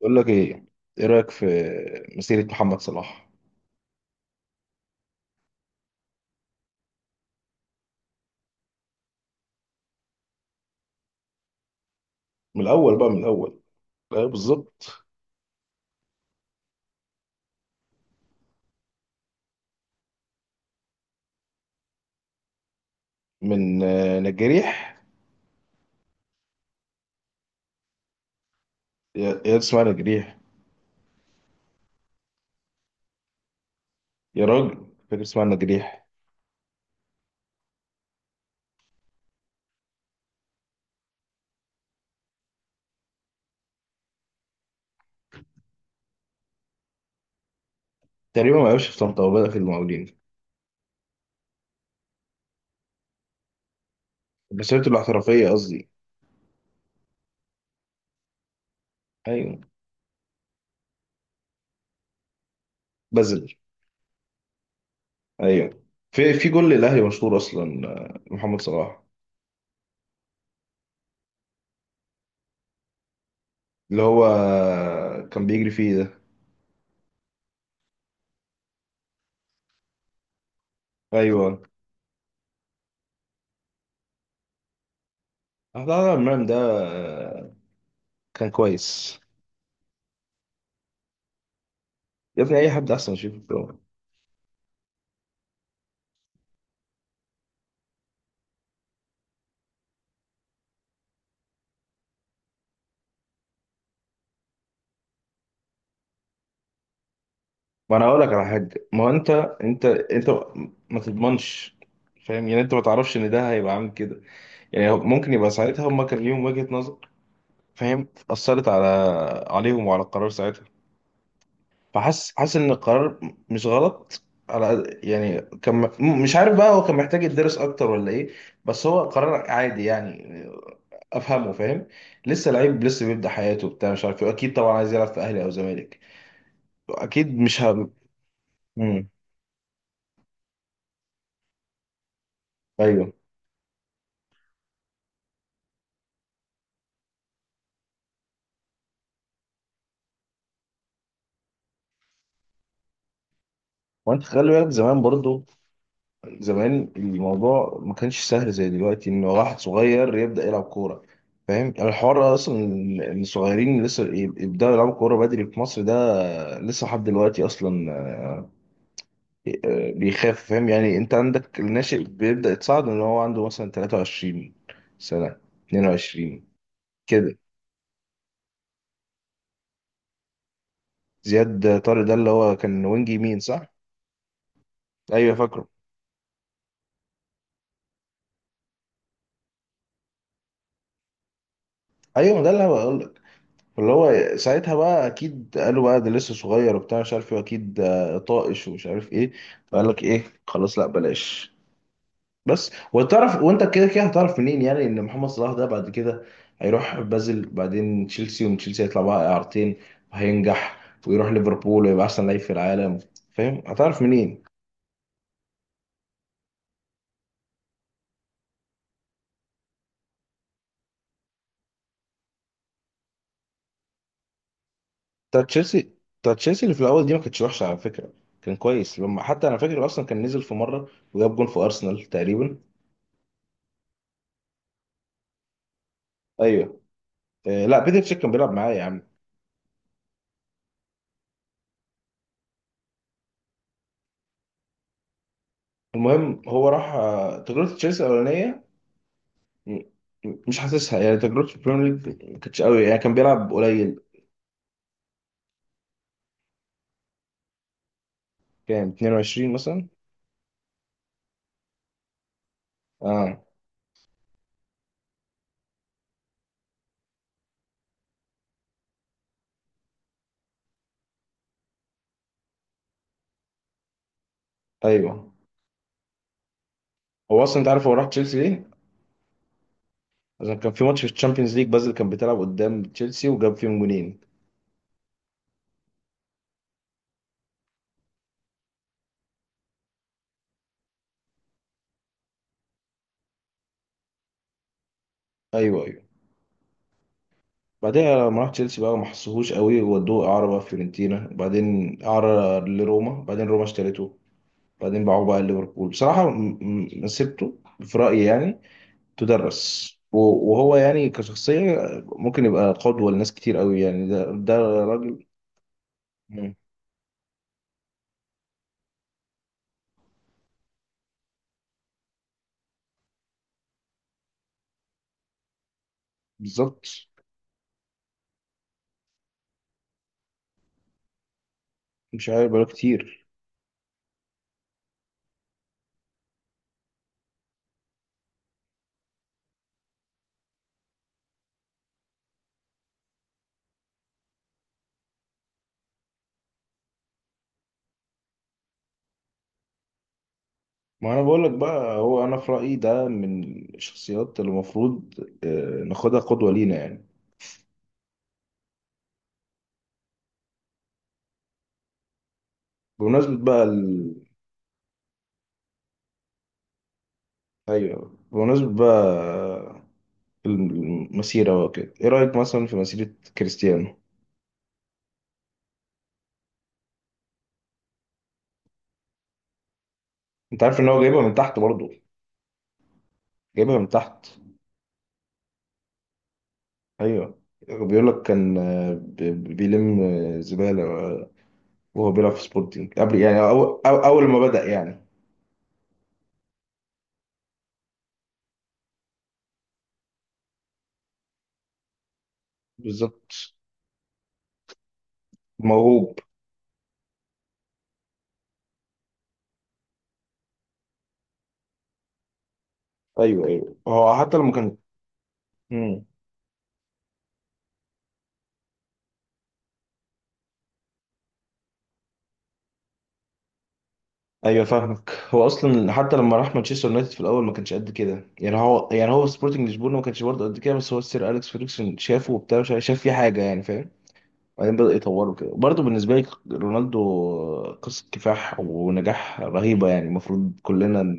بقول لك ايه، ايه رايك في مسيره محمد صلاح؟ من الاول بقى، من الاول. ايوه بالظبط. من نجريح. يا اسمها نجريح. يا راجل، فاكر اسمها نجريح. تقريبا ما لعبش في طنطا وبدا في المقاولين. مسيرته الاحترافيه قصدي. ايوه. بذل. ايوه. في جول للاهلي مشهور اصلا، محمد صلاح. اللي هو كان بيجري فيه ده. ايوه. لا لا، المرمى ده، آه، كان كويس. يا ابني، اي حد احسن يشوفه. ما انا هقول لك على حاجه. ما هو انت، ما تضمنش. فاهم؟ يعني انت ما تعرفش ان ده هيبقى عامل كده. يعني هو ممكن يبقى ساعتها هم كان ليهم وجهه نظر. فاهم؟ اثرت عليهم وعلى القرار ساعتها. حاسس ان القرار مش غلط. يعني كان، مش عارف بقى، هو كان محتاج يدرس اكتر ولا ايه. بس هو قرار عادي يعني، افهمه. فاهم؟ لسه لعيب، لسه بيبدا حياته، بتاع مش عارف ايه، اكيد طبعا عايز يلعب في اهلي او زمالك. اكيد مش مم. ايوه. وانت خلي بالك زمان برضو. زمان الموضوع ما كانش سهل زي دلوقتي ان واحد صغير يبدأ يلعب كورة. فاهم يعني؟ الحوار اصلا إن الصغيرين اللي لسه يبدأوا يلعبوا كورة بدري في مصر ده، لسه لحد دلوقتي اصلا، بيخاف. فاهم يعني؟ انت عندك الناشئ بيبدأ يتصعد ان هو عنده مثلا 23 سنة، 22، كده. زياد طارق ده اللي هو كان وينج يمين، صح؟ ايوه فاكره. ايوه، ما ده اللي انا. اللي هو ساعتها بقى اكيد قالوا بقى ده لسه صغير وبتاع مش عارف ايه، واكيد طائش ومش عارف ايه. فقال لك ايه، خلاص لا بلاش. بس وتعرف، وانت كده كده هتعرف منين يعني ان محمد صلاح ده بعد كده هيروح بازل، بعدين تشيلسي، ومن تشيلسي هيطلع بقى اعارتين، وهينجح، ويروح ليفربول، ويبقى احسن لعيب في العالم؟ فاهم هتعرف منين؟ بتاع تشيلسي بتاع تشيلسي اللي في الاول دي ما كانتش وحشه على فكره. كان كويس لما، حتى انا فاكر اصلا كان نزل في مره وجاب جون في ارسنال تقريبا. ايوه. لا، بيتر تشيك كان بيلعب معايا يا عم. المهم هو راح، تجربة تشيلسي الأولانية، م- مش حاسسها. يعني تجربته في البريمير ليج ما كانتش قوي، يعني كان بيلعب قليل. كام، 22 مثلا. اه. ايوه. هو اصلا، انت عارف هو راح تشيلسي ليه؟ عشان كان في ماتش في الشامبيونز ليج، بازل كان بتلعب قدام تشيلسي وجاب فيهم جونين. ايوه ايوه. بعدها لما راح تشيلسي بقى ما حسوهوش قوي، وودوه اعاره بقى فيورنتينا، بعدين اعاره لروما، بعدين روما اشترته، بعدين باعوه بقى ليفربول. بصراحة مسيرته في رأيي يعني تدرس. وهو يعني كشخصية ممكن يبقى قدوة لناس كتير قوي يعني، ده راجل. مم. بالظبط. مش عارف، بقاله كتير. ما انا بقول لك بقى، هو انا في رأيي ده من الشخصيات اللي المفروض ناخدها قدوة لينا يعني. بمناسبة بقى ايوه، بمناسبة بقى المسيرة وكده، ايه رأيك مثلا في مسيرة كريستيانو؟ انت عارف ان هو جايبها من تحت برضه؟ جايبها من تحت. ايوه. بيقول لك كان بيلم زبالة، وهو بيلعب في سبورتنج قبل، يعني أول ما بدأ يعني. بالظبط. موهوب. أيوه أيوه. هو حتى لما كان. مم. أيوه فاهمك. هو أصلا حتى لما راح مانشستر يونايتد في الأول ما كانش قد كده يعني، هو يعني هو في سبورتنج لشبونة ما كانش برضه قد كده، بس هو السير أليكس فيرجسون شافه وبتاع مش عارف، شاف فيه حاجة يعني. فاهم؟ بعدين بدأ يطوره كده. برضه بالنسبة لي رونالدو قصة كفاح ونجاح رهيبة، يعني المفروض كلنا.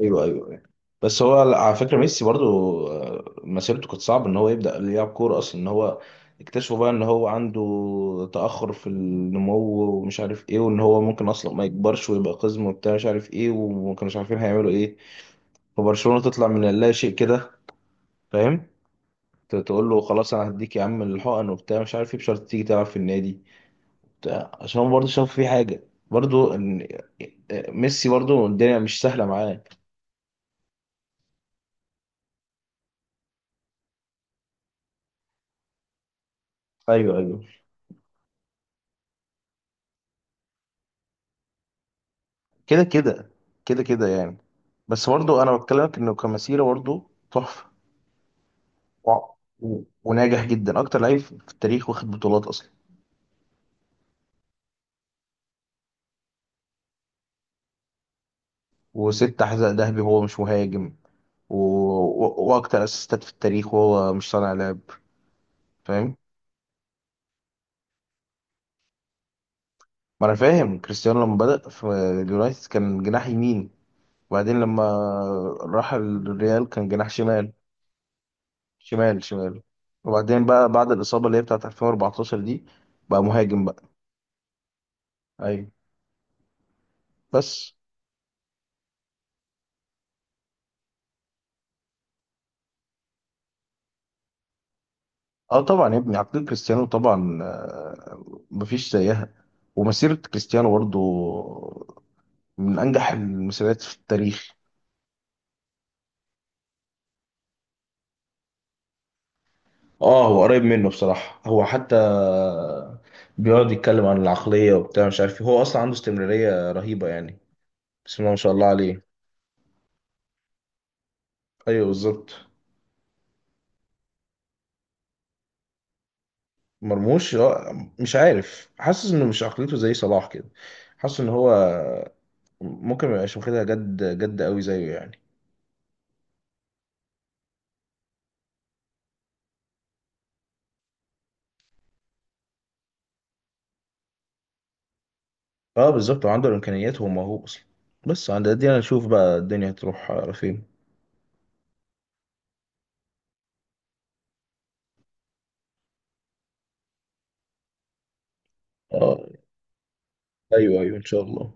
ايوه ايوه، أيوة. بس هو على فكره ميسي برضو، مسيرته كانت صعبه ان هو يبدا يلعب كوره اصلا، ان هو اكتشفوا بقى ان هو عنده تاخر في النمو ومش عارف ايه، وان هو ممكن اصلا ما يكبرش ويبقى قزم وبتاع مش عارف ايه، وما كانوش عارفين هيعملوا ايه. فبرشلونه تطلع من اللا شيء كده. فاهم؟ تقول له خلاص، انا هديك يا عم الحقن وبتاع مش عارف ايه، بشرط تيجي تلعب في النادي بتاع، عشان هو برضه شاف فيه حاجه. برضه ان ميسي برضه الدنيا مش سهله معاه. ايوه ايوه. كده كده، كده كده يعني. بس برضه انا بتكلمك انه كمسيره برضه تحفه. و- وناجح جدا، اكتر لعيب في التاريخ، واخد بطولات اصلا. وست حذاء ذهبي وهو مش مهاجم. و... واكتر اسيستات في التاريخ وهو مش صانع لعب. فاهم؟ ما انا فاهم. كريستيانو لما بدأ في اليونايتد كان جناح يمين، وبعدين لما راح الريال كان جناح شمال. شمال شمال. وبعدين بقى بعد الإصابة اللي هي بتاعت 2014 دي بقى مهاجم بقى. ايوه. بس اه، طبعا يا ابني، عقلية كريستيانو طبعا، مفيش زيها. ومسيرة كريستيانو برضو من أنجح المسيرات في التاريخ. اه، هو قريب منه بصراحة. هو حتى بيقعد يتكلم عن العقلية وبتاع مش عارف إيه. هو اصلا عنده استمرارية رهيبة يعني، بسم الله ما شاء الله عليه. ايوه بالظبط. مرموش، مش عارف، حاسس انه مش عقليته زي صلاح كده. حاسس ان هو ممكن ما يبقاش واخدها جد جد قوي زيه يعني. اه بالظبط، وعنده الامكانيات وهو موهوب اصلا. بس عند دي انا اشوف بقى الدنيا هتروح على فين. اه، ايوه ايوه، ان شاء الله.